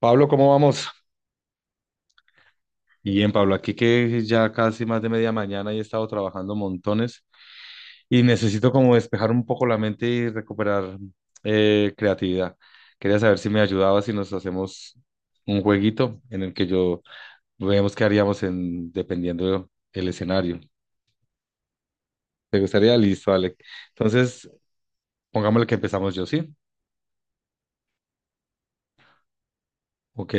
Pablo, ¿cómo vamos? Bien, Pablo, aquí que ya casi más de media mañana y he estado trabajando montones y necesito como despejar un poco la mente y recuperar creatividad. Quería saber si me ayudaba si nos hacemos un jueguito en el que yo veamos qué haríamos en, dependiendo el escenario. ¿Te gustaría? Listo, vale. Entonces, pongámosle que empezamos yo, ¿sí? Ok.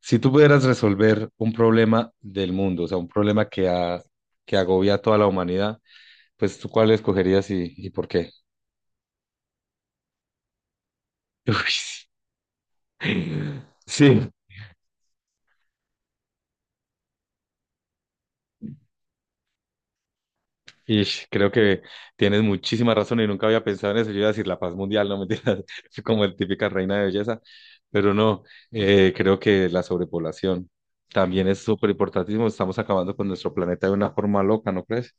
Si tú pudieras resolver un problema del mundo, o sea, un problema que, que agobia a toda la humanidad, pues tú cuál escogerías y por qué. Uy, sí, y creo que tienes muchísima razón y nunca había pensado en eso. Yo iba a decir la paz mundial, no mentiras, soy como el típica reina de belleza, pero no, creo que la sobrepoblación también es súper importantísimo. Estamos acabando con nuestro planeta de una forma loca, ¿no crees?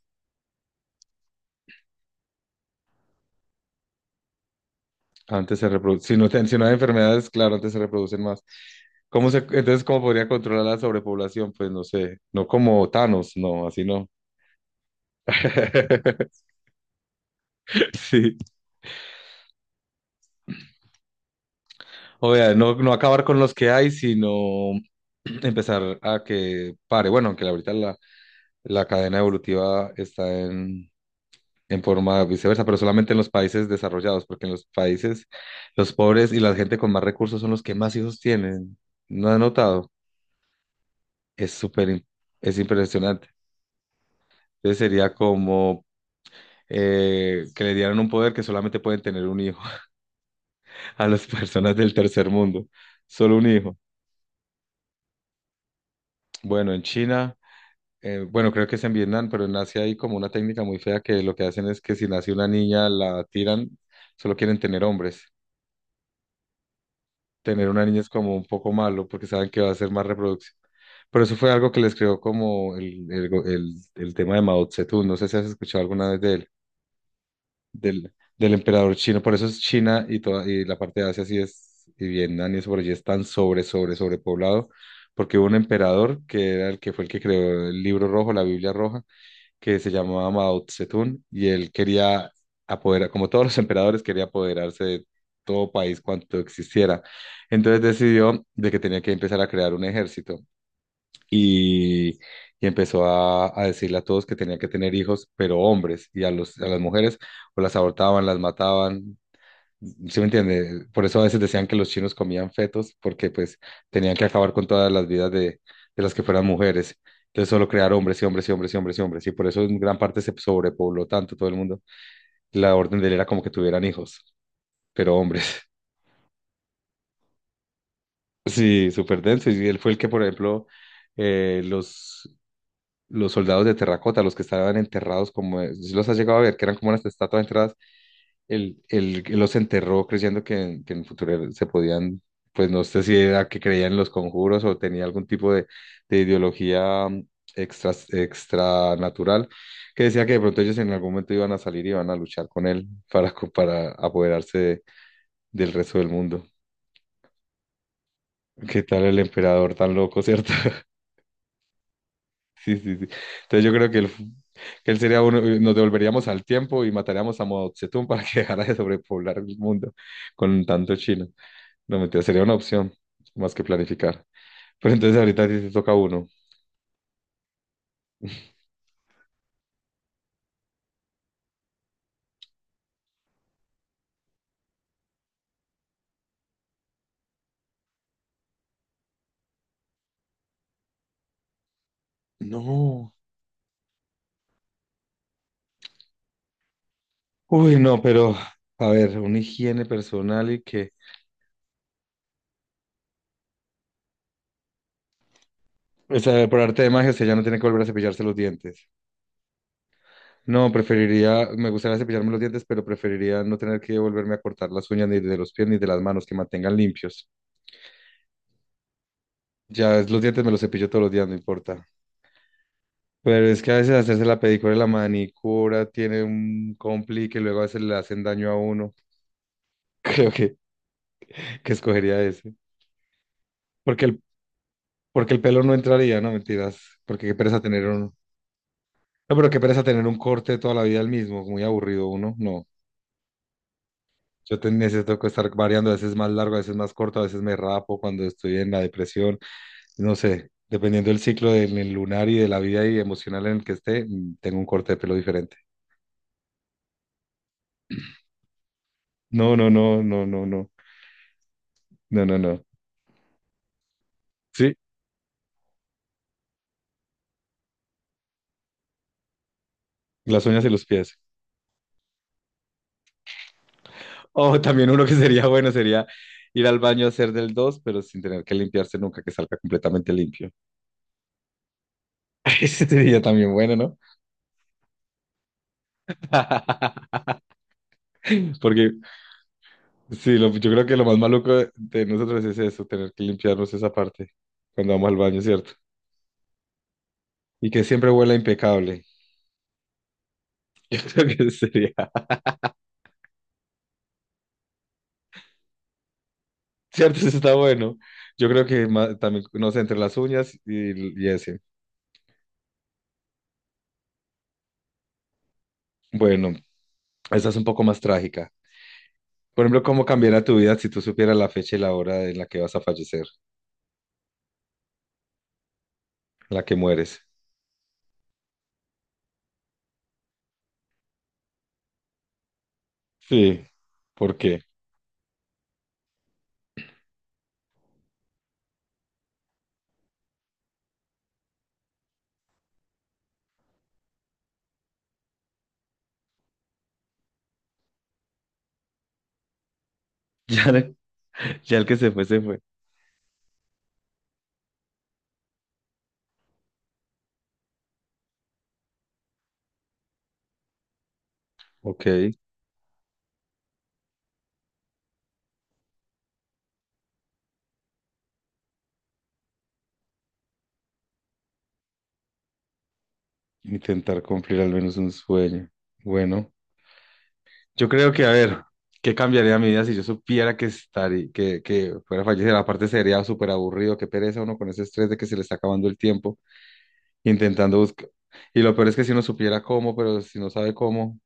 Antes se reproduce, si no, si no hay enfermedades, claro, antes se reproducen más. Entonces, ¿cómo podría controlar la sobrepoblación? Pues no sé, no como Thanos, no, así no. Sí. O sea, no acabar con los que hay, sino empezar a que pare. Bueno, aunque ahorita la cadena evolutiva está en forma viceversa, pero solamente en los países desarrollados, porque en los países los pobres y la gente con más recursos son los que más hijos tienen. ¿No has notado? Es súper, im- es impresionante. Entonces sería como que le dieran un poder que solamente pueden tener un hijo a las personas del tercer mundo. Solo un hijo. Bueno, en China. Bueno, Creo que es en Vietnam, pero en Asia hay como una técnica muy fea que lo que hacen es que si nace una niña la tiran, solo quieren tener hombres. Tener una niña es como un poco malo porque saben que va a ser más reproducción. Pero eso fue algo que les creó como el tema de Mao Zedong. No sé si has escuchado alguna vez de él, del, del emperador chino. Por eso es China y, toda, y la parte de Asia sí es, y Vietnam y eso por allí es tan sobrepoblado, porque hubo un emperador que era el que fue el que creó el libro rojo, la Biblia roja que se llamaba Mao Zedong y él quería apoderar, como todos los emperadores, quería apoderarse de todo país cuanto existiera. Entonces decidió de que tenía que empezar a crear un ejército y, y empezó a decirle a todos que tenía que tener hijos, pero hombres, y a a las mujeres o las abortaban, las mataban. ¿Sí me entiende? Por eso a veces decían que los chinos comían fetos, porque pues tenían que acabar con todas las vidas de las que fueran mujeres. Entonces solo crear hombres y hombres y hombres y hombres y hombres. Y por eso en gran parte se sobrepobló tanto todo el mundo. La orden de él era como que tuvieran hijos, pero hombres. Sí, súper denso. Y él fue el que, por ejemplo, eh, los, los soldados de terracota, los que estaban enterrados, como si los has llegado a ver, que eran como unas estatuas enterradas. Él los enterró creyendo que en el futuro se podían, pues no sé si era que creía en los conjuros o tenía algún tipo de ideología extra, extranatural, que decía que de pronto ellos en algún momento iban a salir y iban a luchar con él para, para apoderarse de- del resto del mundo. ¿Qué tal el emperador tan loco, cierto? Sí, sí, sí. Entonces yo creo que él sería uno, nos devolveríamos al tiempo y mataríamos a Mao Zedong para que dejara de sobrepoblar el mundo con tanto chino. No, mentira, sería una opción, más que planificar. Pero entonces ahorita a ti te toca uno. No. Uy, no, pero a ver, una higiene personal y que... O sea, por arte de magia, usted ya no tiene que volver a cepillarse los dientes. No, preferiría, me gustaría cepillarme los dientes, pero preferiría no tener que volverme a cortar las uñas ni de los pies ni de las manos, que mantengan limpios. Los dientes me los cepillo todos los días, no importa. Pero es que a veces hacerse la pedicura y la manicura tiene un complique, luego a veces le hacen daño a uno. Creo que escogería ese. Porque el, Porque el pelo no entraría, no mentiras. Porque qué pereza tener un. No, pero qué pereza tener un corte toda la vida el mismo. Muy aburrido uno. No. Necesito que estar variando. A veces más largo, a veces más corto, a veces me rapo cuando estoy en la depresión. No sé. Dependiendo del ciclo del el lunar y de la vida y emocional en el que esté, tengo un corte de pelo diferente. No, no, no, no, no, no. No, no, no. Sí, las uñas y los pies. O también uno que sería bueno sería ir al baño a hacer del dos, pero sin tener que limpiarse nunca, que salga completamente limpio. Ese sería también bueno, ¿no? Porque sí, yo creo que lo más maluco de nosotros es eso, tener que limpiarnos esa parte cuando vamos al baño, ¿cierto? Y que siempre huela impecable. Creo que sería, ¿cierto? Eso está bueno. Yo creo que también, no sé, entre las uñas y ese. Bueno, esa es un poco más trágica. Por ejemplo, ¿cómo cambiaría tu vida si tú supieras la fecha y la hora en la que vas a fallecer, en la que mueres? Sí, ¿por qué? Ya, ya el que se fue, se fue. Ok. Intentar cumplir al menos un sueño. Bueno, yo creo que, a ver, ¿qué cambiaría mi vida si yo supiera que estaría, que fuera a fallecer? Aparte sería súper aburrido, qué pereza uno con ese estrés de que se le está acabando el tiempo, intentando buscar. Y lo peor es que si uno supiera cómo, pero si no sabe cómo,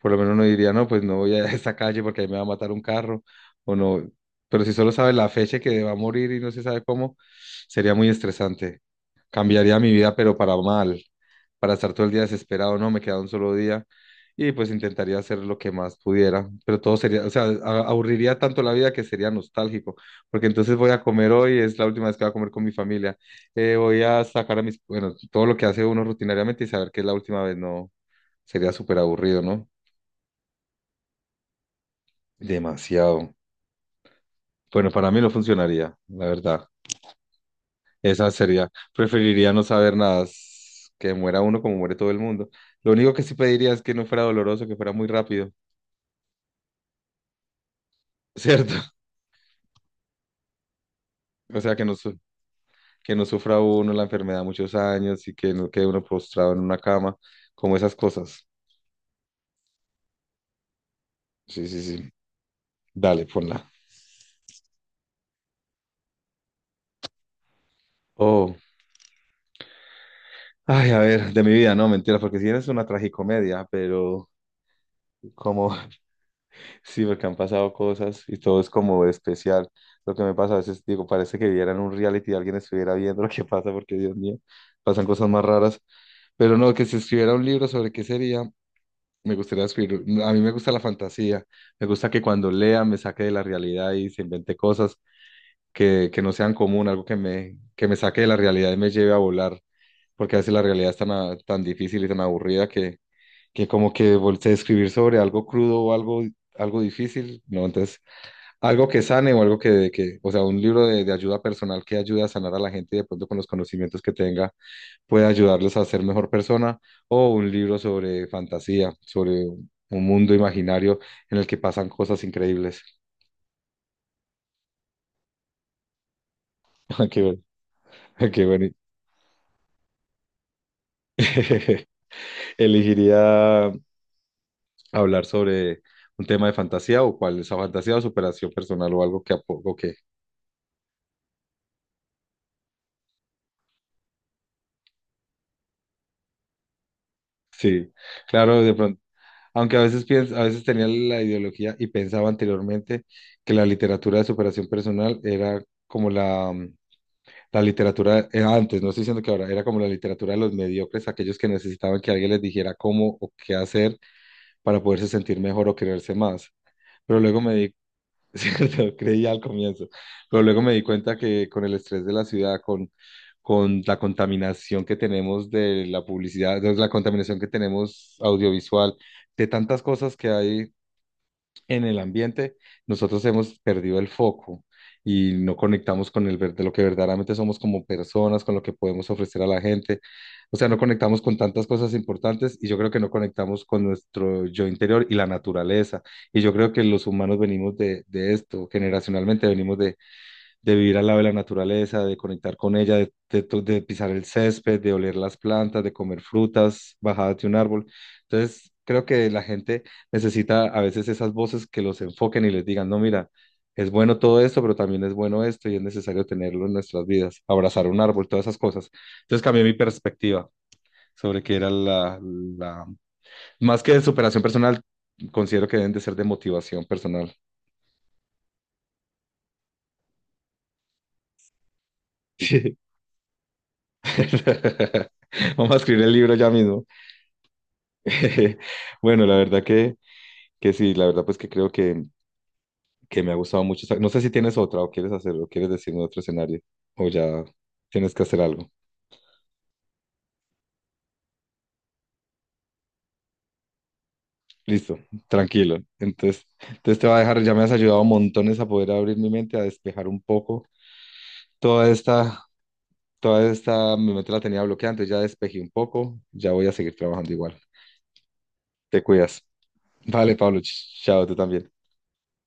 por lo menos uno diría, no, pues no voy a esta calle porque ahí me va a matar un carro, o no. Pero si solo sabe la fecha que va a morir y no se sabe cómo, sería muy estresante. Cambiaría mi vida, pero para mal, para estar todo el día desesperado, no, me queda un solo día y pues intentaría hacer lo que más pudiera, pero todo sería, o sea, aburriría tanto la vida que sería nostálgico, porque entonces voy a comer hoy, es la última vez que voy a comer con mi familia, voy a sacar a mis, bueno, todo lo que hace uno rutinariamente y saber que es la última vez, no, sería súper aburrido, ¿no? Demasiado. Bueno, para mí no funcionaría, la verdad. Esa sería, preferiría no saber nada, que muera uno como muere todo el mundo. Lo único que sí pediría es que no fuera doloroso, que fuera muy rápido, ¿cierto? O sea, que no sufra uno la enfermedad muchos años y que no quede uno postrado en una cama, como esas cosas. Sí, sí, sí. Dale, ponla. Oh, ay, a ver, de mi vida, no, mentira, porque si eres una tragicomedia, pero como, sí, porque han pasado cosas y todo es como especial. Lo que me pasa a veces, digo, parece que vieran un reality y alguien estuviera viendo lo que pasa, porque Dios mío, pasan cosas más raras. Pero no, que si escribiera un libro sobre qué sería, me gustaría escribir. A mí me gusta la fantasía, me gusta que cuando lea me saque de la realidad y se invente cosas que no sean común, algo que me saque de la realidad y me lleve a volar, porque a veces la realidad es tan, tan difícil y tan aburrida que como que volteé a escribir sobre algo crudo o algo, algo difícil, ¿no? Entonces algo que sane o algo que o sea, un libro de ayuda personal que ayude a sanar a la gente y de pronto con los conocimientos que tenga puede ayudarles a ser mejor persona, o un libro sobre fantasía, sobre un mundo imaginario en el que pasan cosas increíbles. Ah, qué bueno, ah, qué bueno. Elegiría hablar sobre un tema de fantasía o cuál es esa fantasía o superación personal o algo que apoco que sí. Claro, de pronto aunque a veces a veces tenía la ideología y pensaba anteriormente que la literatura de superación personal era como la literatura, antes, no estoy diciendo que ahora, era como la literatura de los mediocres, aquellos que necesitaban que alguien les dijera cómo o qué hacer para poderse sentir mejor o quererse más. Pero luego me di, cierto, creía al comienzo, pero luego me di cuenta que con el estrés de la ciudad, con la contaminación que tenemos de la publicidad, de la contaminación que tenemos audiovisual, de tantas cosas que hay en el ambiente, nosotros hemos perdido el foco y no conectamos con el de lo que verdaderamente somos como personas, con lo que podemos ofrecer a la gente. O sea, no conectamos con tantas cosas importantes y yo creo que no conectamos con nuestro yo interior y la naturaleza. Y yo creo que los humanos venimos de esto, generacionalmente venimos de vivir al lado de la naturaleza, de conectar con ella, de pisar el césped, de oler las plantas, de comer frutas bajadas de un árbol. Entonces, creo que la gente necesita a veces esas voces que los enfoquen y les digan, no, mira, es bueno todo esto, pero también es bueno esto y es necesario tenerlo en nuestras vidas, abrazar un árbol, todas esas cosas. Entonces cambié mi perspectiva sobre qué era la... Más que de superación personal, considero que deben de ser de motivación personal. Sí. Vamos a escribir el libro ya mismo. Bueno, la verdad que sí, la verdad pues que creo que me ha gustado mucho. Esa- No sé si tienes otra o quieres hacerlo, quieres decirme otro escenario o ya tienes que hacer algo. Listo, tranquilo. Entonces, entonces te va a dejar, ya me has ayudado montones a poder abrir mi mente, a despejar un poco. Toda esta, toda esta, mi mente la tenía bloqueada, entonces ya despejé un poco, ya voy a seguir trabajando igual. Te cuidas. Vale, Pablo, chao, tú también.